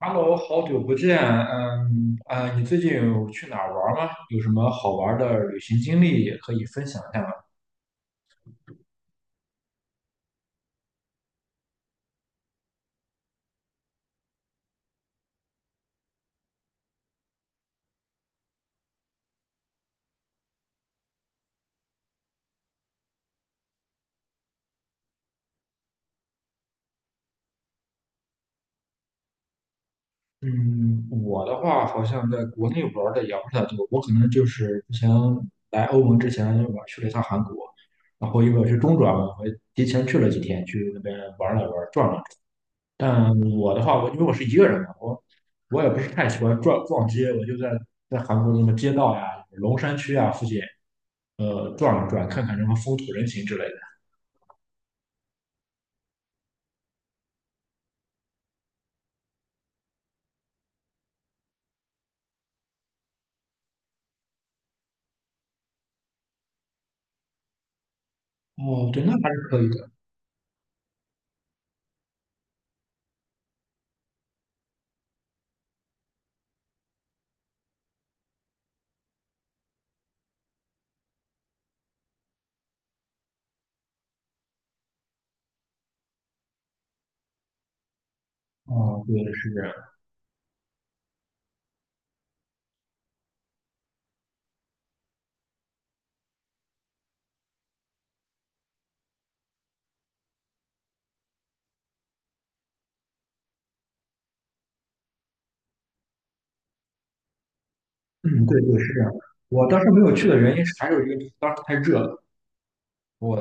Hello，好久不见，嗯啊，你最近有去哪儿玩儿吗？有什么好玩儿的旅行经历也可以分享一下吗？嗯，我的话好像在国内玩的也不是太多，我可能就是之前来欧盟之前，我去了一趟韩国。然后因为我是中转嘛，我提前去了几天，去那边玩了玩转了。但我的话，我因为我是一个人嘛，我也不是太喜欢撞撞街，我就在韩国的什么街道呀、龙山区啊附近，转了转，看看什么风土人情之类的。哦，对，那还是可以的。哦，对，是这样。嗯，对对，是这样的。我当时没有去的原因是，还有一个就是当时太热了。我，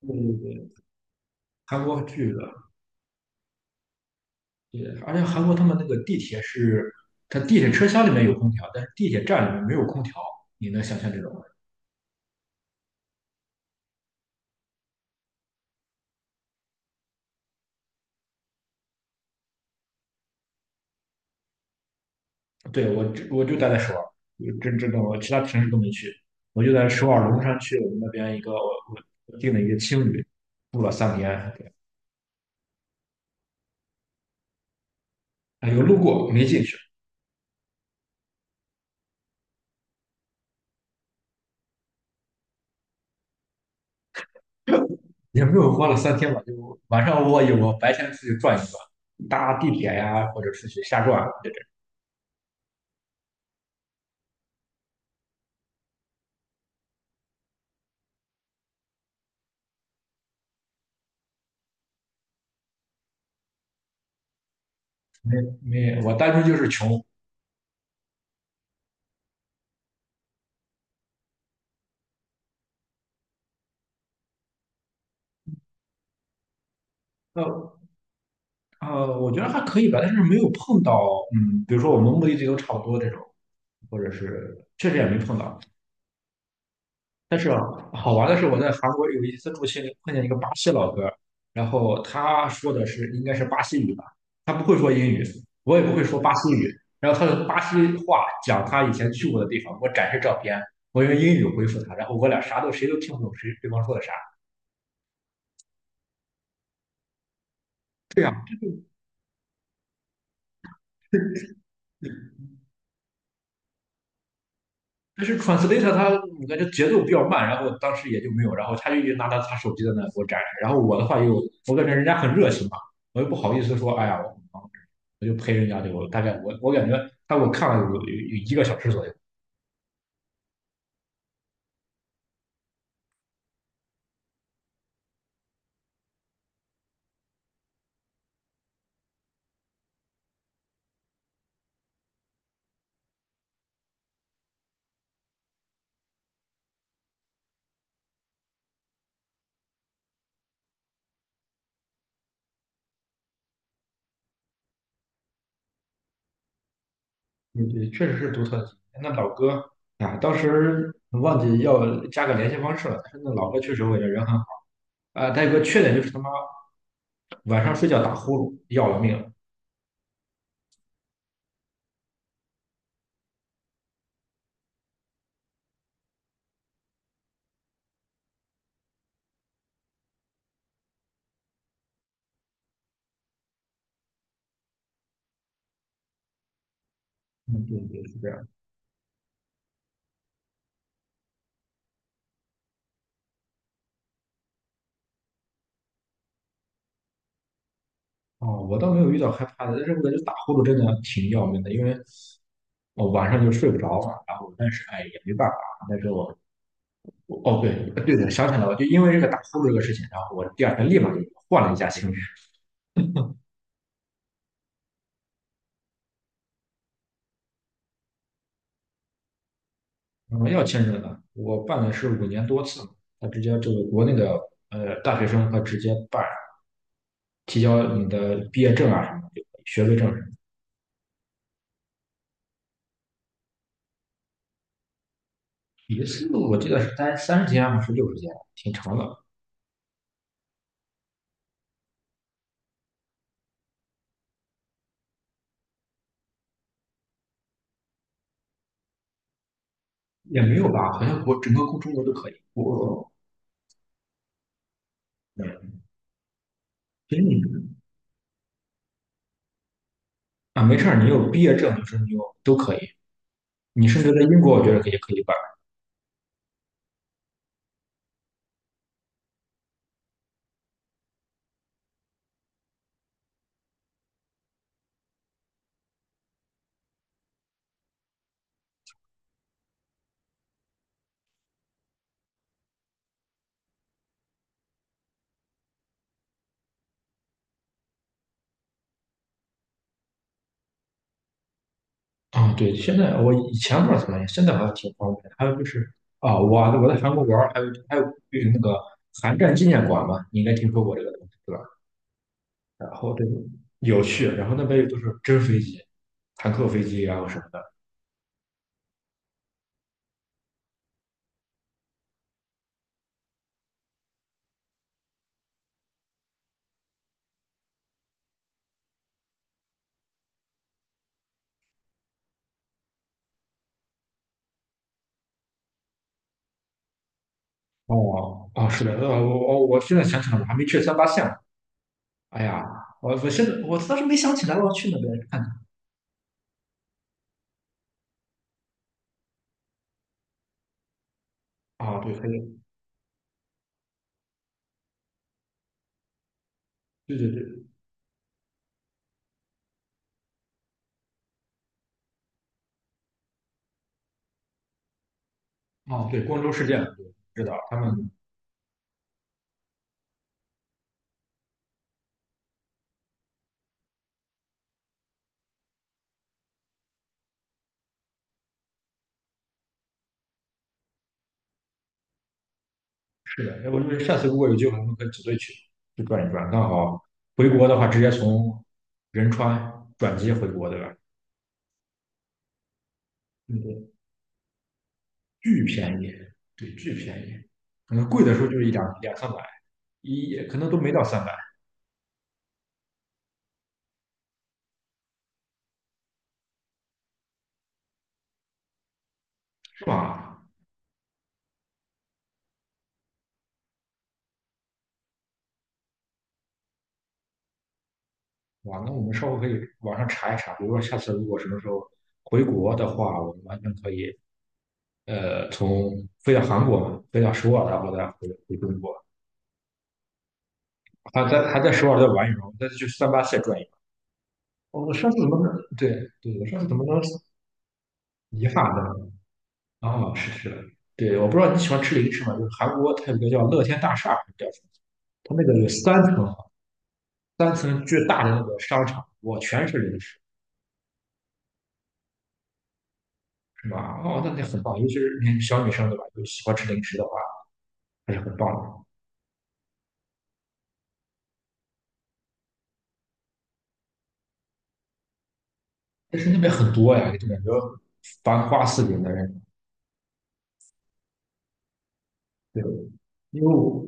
对对对，韩国巨热。对，而且韩国他们那个地铁是，它地铁车厢里面有空调，但是地铁站里面没有空调，你能想象这种？对，我就待在首尔，我真的我其他城市都没去，我就在首尔龙山区我们那边一个我订了一个青旅，住了3天。对，哎，有路过没进去。也没有花了3天吧，就晚上，我有我白天出去转一转，搭地铁呀或者出去瞎转。对对，没没我单纯就是穷。呃我觉得还可以吧，但是没有碰到。嗯，比如说我们目的地都差不多这种，或者是确实也没碰到。但是好玩的是，我在韩国有一次住青旅碰见一个巴西老哥，然后他说的是应该是巴西语吧，他不会说英语，我也不会说巴西语。然后他的巴西话讲他以前去过的地方，我展示照片，我用英语回复他，然后我俩啥都，谁都听不懂谁对方说的啥。对呀。但是 translator 他，我感觉节奏比较慢，然后当时也就没有，然后他就一直拿着他手机在那给我展示。然后我的话又，我感觉人家很热情嘛，我又不好意思说，哎呀，我就陪人家。就大概我感觉他给我看了有1个小时左右。嗯，对，确实是独特的经历。那老哥啊，当时忘记要加个联系方式了，但是那老哥确实我觉得人很好啊。他有个缺点就是他妈晚上睡觉打呼噜，要了命了。嗯，对对，是这样。哦，我倒没有遇到害怕的，但是我感觉打呼噜真的挺要命的，因为我晚上就睡不着嘛。然后，但是哎，也没办法。但是我，我哦，对，对的，想起来了，就因为这个打呼噜这个事情，然后我第二天立马就换了一家签证。嗯，要签证的，我办的是5年多次嘛。他直接这个国内的大学生，他直接办，提交你的毕业证啊什么的，学位证什么的。一次我记得是三十天还是60天，挺长的。也没有吧，好像整个中国都可以。我。给你啊，没事儿，你有毕业证，就是你有都可以。你甚至在英国，我觉得可以办啊。对，现在，我以前不知道怎么样，现在好像挺方便的。还有就是啊，我我在韩国玩儿，还有就是那个韩战纪念馆嘛，你应该听说过这个东西，对吧？然后对，有趣。然后那边又都是真飞机、坦克飞机啊什么的。哦哦，是的。呃，我现在想起来，我还没去三八线呢。哎呀，我我现在我当时没想起来我要去那边看看。啊，对，还有对对对。哦，对，光州事件，对，知道他们是的。要不就是下次如果有机会，我们可以组队去转一转，刚好回国的话，直接从仁川转机回国，对吧？嗯，对，巨便宜。对，巨便宜，可能贵的时候就是一两两三百，可能都没到三百，是吧？哇，那我们稍后可以网上查一查，比如说下次如果什么时候回国的话，我们完全可以，呃，飞到韩国嘛，飞到首尔啊，然后再回中国。他在还在首尔在玩羽毛，再去三八线转一转。我上次怎么能对对，我上次怎么能遗憾的啊？是的，对。我不知道你喜欢吃零食吗？就是韩国它有一个叫乐天大厦，还是叫什么？它那个有三层啊，三层巨大的那个商场，哇，全是零食，是吧？哦，那那很棒，尤其是你小女生对吧？就喜欢吃零食的话，还是很棒的。但是那边很多呀，就感觉繁花似锦的人。对，因为我，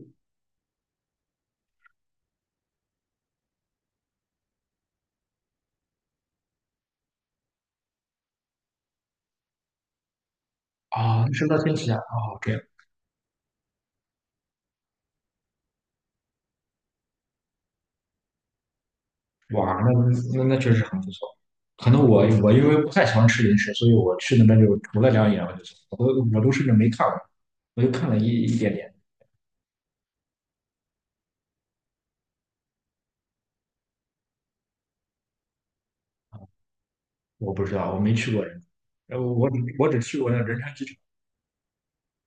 啊，你是乐天旗下啊，对。哇，那那那确实很不错。可能我，我因为不太喜欢吃零食，所以我去那边就除了两眼我就走，我都我都甚至没看过，我就看了一点点。我不知道，我没去过人。川，然后我只去过那仁川机场，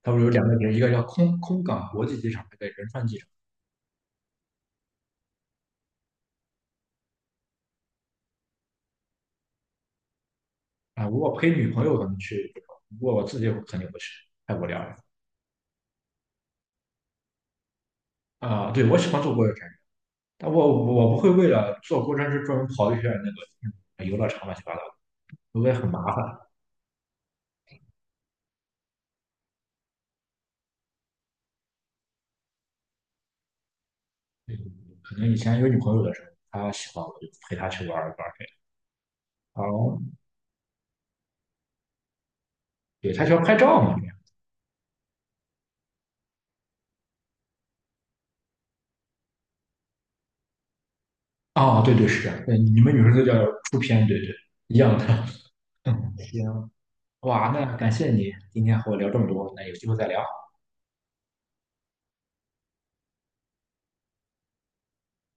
它不是有两个点，一个叫空港国际机场，一个仁川机场。啊，如果陪女朋友可能去这种，不过我自己我肯定不去，太无聊了。啊，对，我喜欢坐过山车，但我我不会为了坐过山车专门跑一圈那个游乐场乱七八糟的，因为很麻烦。嗯，可能以前有女朋友的时候，她喜欢我就陪她去玩儿玩儿这样。哦，对，她喜欢拍照嘛这样。哦，对对是这样。对，你们女生都叫出片，对对，一样的。嗯，行。哇，那感谢你今天和我聊这么多，那有机会再聊。